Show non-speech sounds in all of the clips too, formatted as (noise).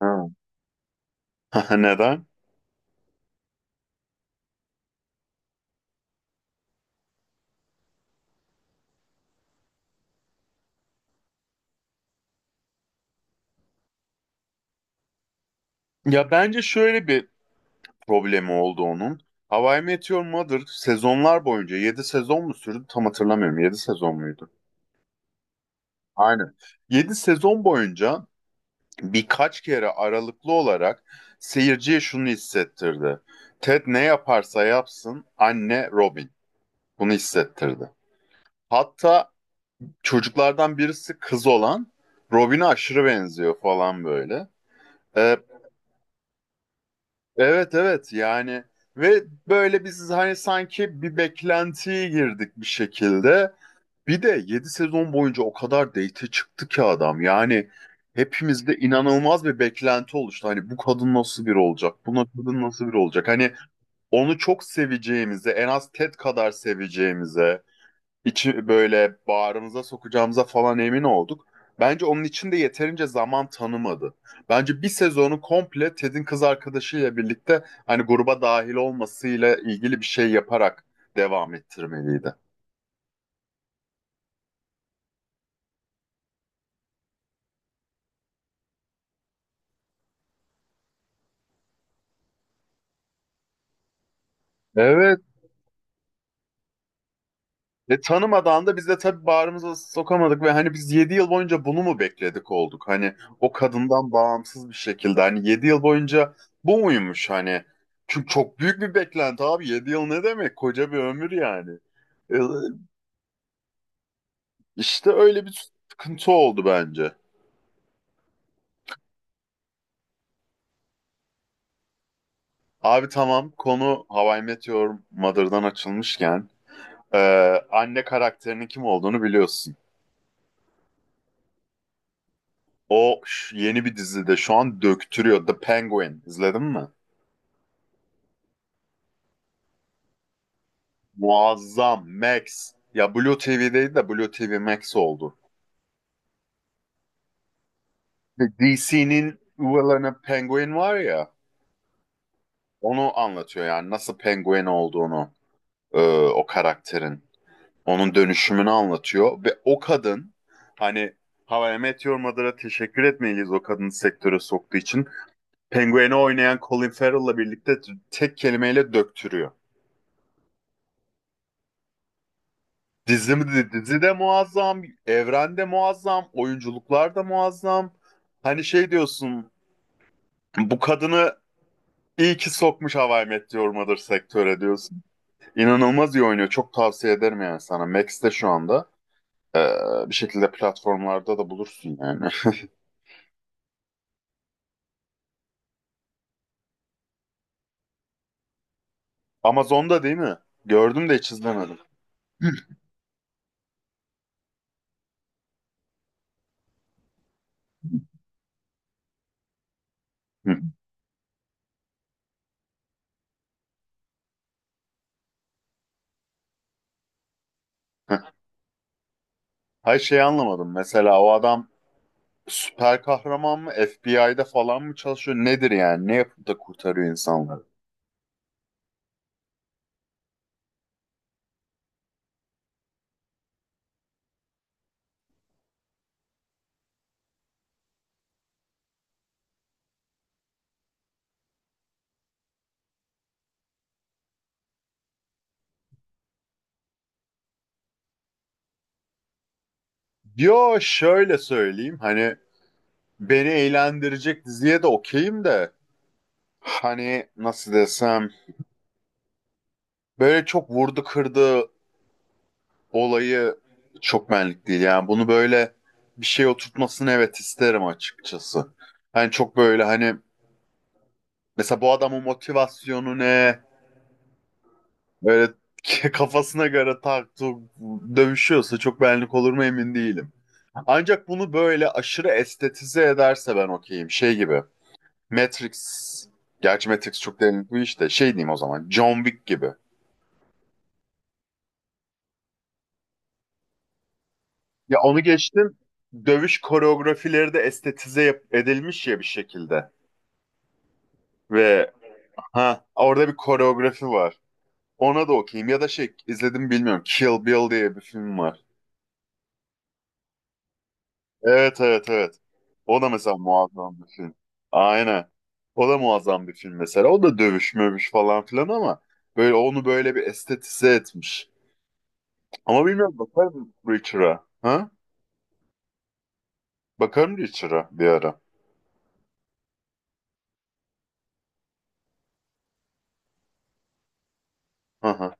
Ha. (laughs) Neden? Ya bence şöyle bir problemi oldu onun. How I Met Your Mother sezonlar boyunca yedi sezon mu sürdü tam hatırlamıyorum. Yedi sezon muydu? Aynen. 7 sezon boyunca birkaç kere aralıklı olarak seyirciye şunu hissettirdi. Ted ne yaparsa yapsın anne Robin. Bunu hissettirdi. Hatta çocuklardan birisi kız olan Robin'e aşırı benziyor falan böyle. Ee, Evet evet yani ve böyle biz hani sanki bir beklentiye girdik bir şekilde. Bir de 7 sezon boyunca o kadar date çıktı ki adam. Yani hepimizde inanılmaz bir beklenti oluştu. Hani bu kadın nasıl biri olacak? Bu kadın nasıl biri olacak? Hani onu çok seveceğimize, en az Ted kadar seveceğimize içi böyle bağrımıza sokacağımıza falan emin olduk. Bence onun için de yeterince zaman tanımadı. Bence bir sezonu komple Ted'in kız arkadaşıyla birlikte hani gruba dahil olmasıyla ilgili bir şey yaparak devam ettirmeliydi. Evet. Tanımadan da biz de tabii bağrımıza sokamadık ve hani biz 7 yıl boyunca bunu mu bekledik olduk? Hani o kadından bağımsız bir şekilde hani 7 yıl boyunca bu muymuş hani? Çünkü çok büyük bir beklenti abi 7 yıl ne demek? Koca bir ömür yani. E, İşte öyle bir sıkıntı oldu bence. Abi tamam konu How I Met Your Mother'dan açılmışken e, anne karakterinin kim olduğunu biliyorsun. O yeni bir dizide şu an döktürüyor. The Penguin. İzledin mi? Muazzam. Max. Ya Blue TV'deydi de Blue TV Max oldu. DC'nin Will'ını Penguin var ya onu anlatıyor yani nasıl Penguin olduğunu e, o karakterin. Onun dönüşümünü anlatıyor ve o kadın hani How I Met Your Mother'a teşekkür etmeliyiz o kadını sektöre soktuğu için. Penguin'i oynayan Colin Farrell'la birlikte tek kelimeyle döktürüyor. Dizi, dizi de muazzam, evrende muazzam, oyunculuklar da muazzam. Hani şey diyorsun, bu kadını iyi ki sokmuş How I Met Your Mother sektöre diyorsun. İnanılmaz iyi oynuyor. Çok tavsiye ederim yani sana. Max'te şu anda. Ee, bir şekilde platformlarda da bulursun yani. Amazon'da değil mi? Gördüm de hiç izlemedim. Hı. Heh. Hayır şey anlamadım. Mesela o adam süper kahraman mı? FBI'de falan mı çalışıyor? Nedir yani? Ne yapıp da kurtarıyor insanları? Yo şöyle söyleyeyim. Hani beni eğlendirecek diziye de okeyim de. Hani nasıl desem. Böyle çok vurdu kırdı olayı çok benlik değil. Yani bunu böyle bir şey oturtmasını evet isterim açıkçası. Hani çok böyle hani mesela bu adamın motivasyonu ne? Böyle (laughs) kafasına göre tak tuk dövüşüyorsa çok benlik olur mu emin değilim. Ancak bunu böyle aşırı estetize ederse ben okeyim. Şey gibi. Matrix. Gerçi Matrix çok derinlik bir işte. Şey diyeyim o zaman. John Wick gibi. Ya onu geçtim. Dövüş koreografileri de estetize edilmiş ya bir şekilde. Ve ha orada bir koreografi var. Ona da okeyim. Ya da şey izledim bilmiyorum. Kill Bill diye bir film var. Evet evet evet. O da mesela muazzam bir film. Aynen. O da muazzam bir film mesela. O da dövüş mövüş falan filan ama böyle onu böyle bir estetize etmiş. Ama bilmiyorum bakarım Richard'a. Ha? Bakarım Richard'a bir ara. Hı hı.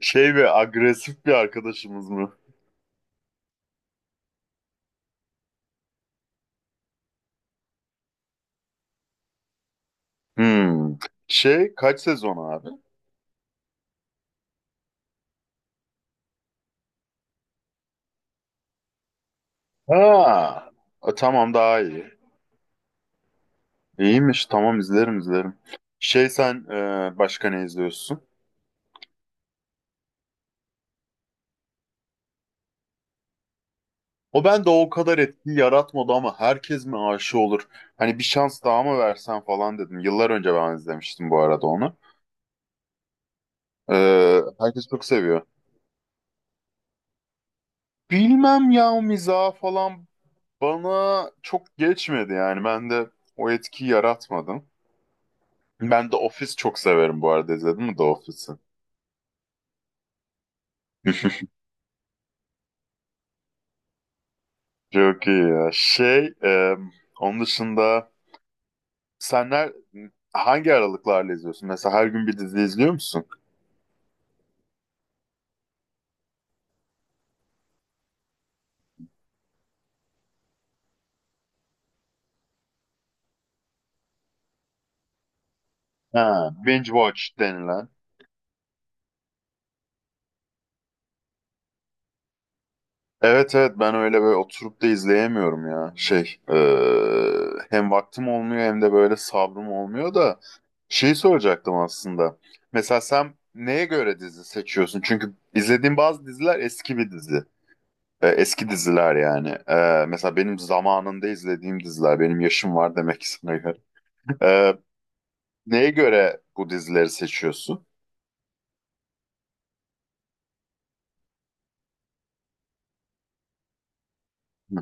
Şey ve agresif bir arkadaşımız mı? Hmm. Şey kaç sezon abi? Ha. E, tamam daha iyi. İyiymiş. Tamam izlerim izlerim. Şey sen başka ne izliyorsun? O bende o kadar etki yaratmadı ama herkes mi aşı olur? Hani bir şans daha mı versen falan dedim. Yıllar önce ben izlemiştim bu arada onu. Herkes çok seviyor. Bilmem ya miza falan bana çok geçmedi yani. Ben de o etkiyi yaratmadım. Ben de Office çok severim bu arada. İzledin mi The Office'i? (laughs) Çok iyi ya. Şey, onun dışında senler hangi aralıklarla izliyorsun? Mesela her gün bir dizi izliyor musun? Ha, binge watch denilen. Evet evet ben öyle böyle oturup da izleyemiyorum ya. Şey hem vaktim olmuyor hem de böyle sabrım olmuyor da şeyi soracaktım aslında. Mesela sen neye göre dizi seçiyorsun? Çünkü izlediğim bazı diziler eski bir dizi. Eski diziler yani. Mesela benim zamanında izlediğim diziler. Benim yaşım var demek ki sana göre. (laughs) Ee, neye göre bu dizileri seçiyorsun? Hı,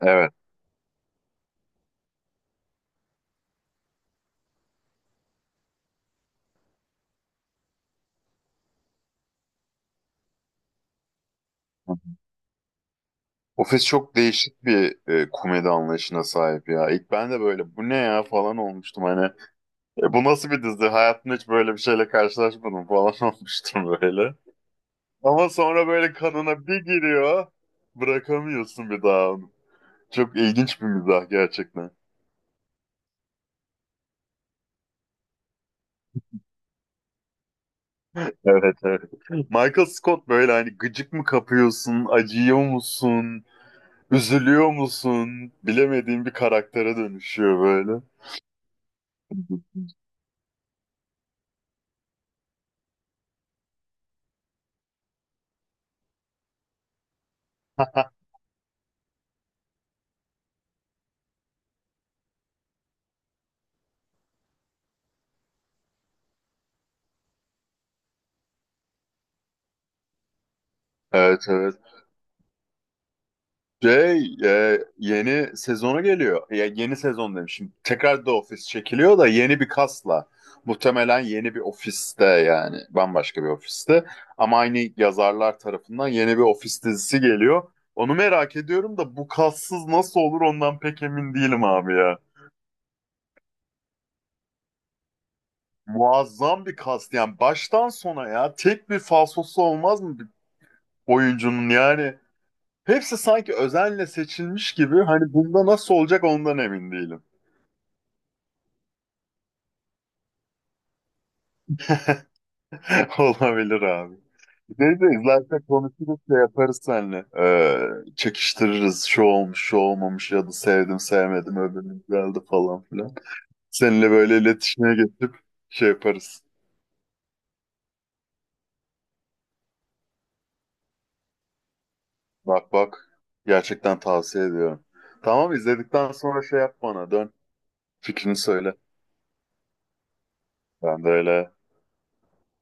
evet. Ofis çok değişik bir komedi anlayışına sahip ya. İlk ben de böyle bu ne ya falan olmuştum hani. "E, bu nasıl bir dizi? Hayatımda hiç böyle bir şeyle karşılaşmadım falan (laughs) olmuştum böyle. Ama sonra böyle kanına bir giriyor. Bırakamıyorsun bir daha onu. Çok ilginç bir mizah gerçekten. Evet evet. Michael Scott böyle hani gıcık mı kapıyorsun, acıyor musun, üzülüyor musun bilemediğin bir karaktere dönüşüyor böyle. (laughs) Evet evet. Şey, yeni sezonu geliyor. Ya yeni sezon demişim. Tekrar da ofis çekiliyor da yeni bir kasla. Muhtemelen yeni bir ofiste yani bambaşka bir ofiste. Ama aynı yazarlar tarafından yeni bir ofis dizisi geliyor. Onu merak ediyorum da bu kassız nasıl olur ondan pek emin değilim abi ya. Muazzam bir kast yani baştan sona ya tek bir falsosu olmaz mı bir oyuncunun yani. Hepsi sanki özenle seçilmiş gibi hani bunda nasıl olacak ondan emin değilim. (laughs) Olabilir abi. Ne de zaten konuşuruz şey yaparız seninle. Çekiştiririz şu olmuş şu olmamış ya da sevdim sevmedim öbürünün geldi falan filan. Seninle böyle iletişime geçip şey yaparız. Bak bak gerçekten tavsiye ediyorum. Tamam izledikten sonra şey yap bana dön fikrini söyle. Ben de öyle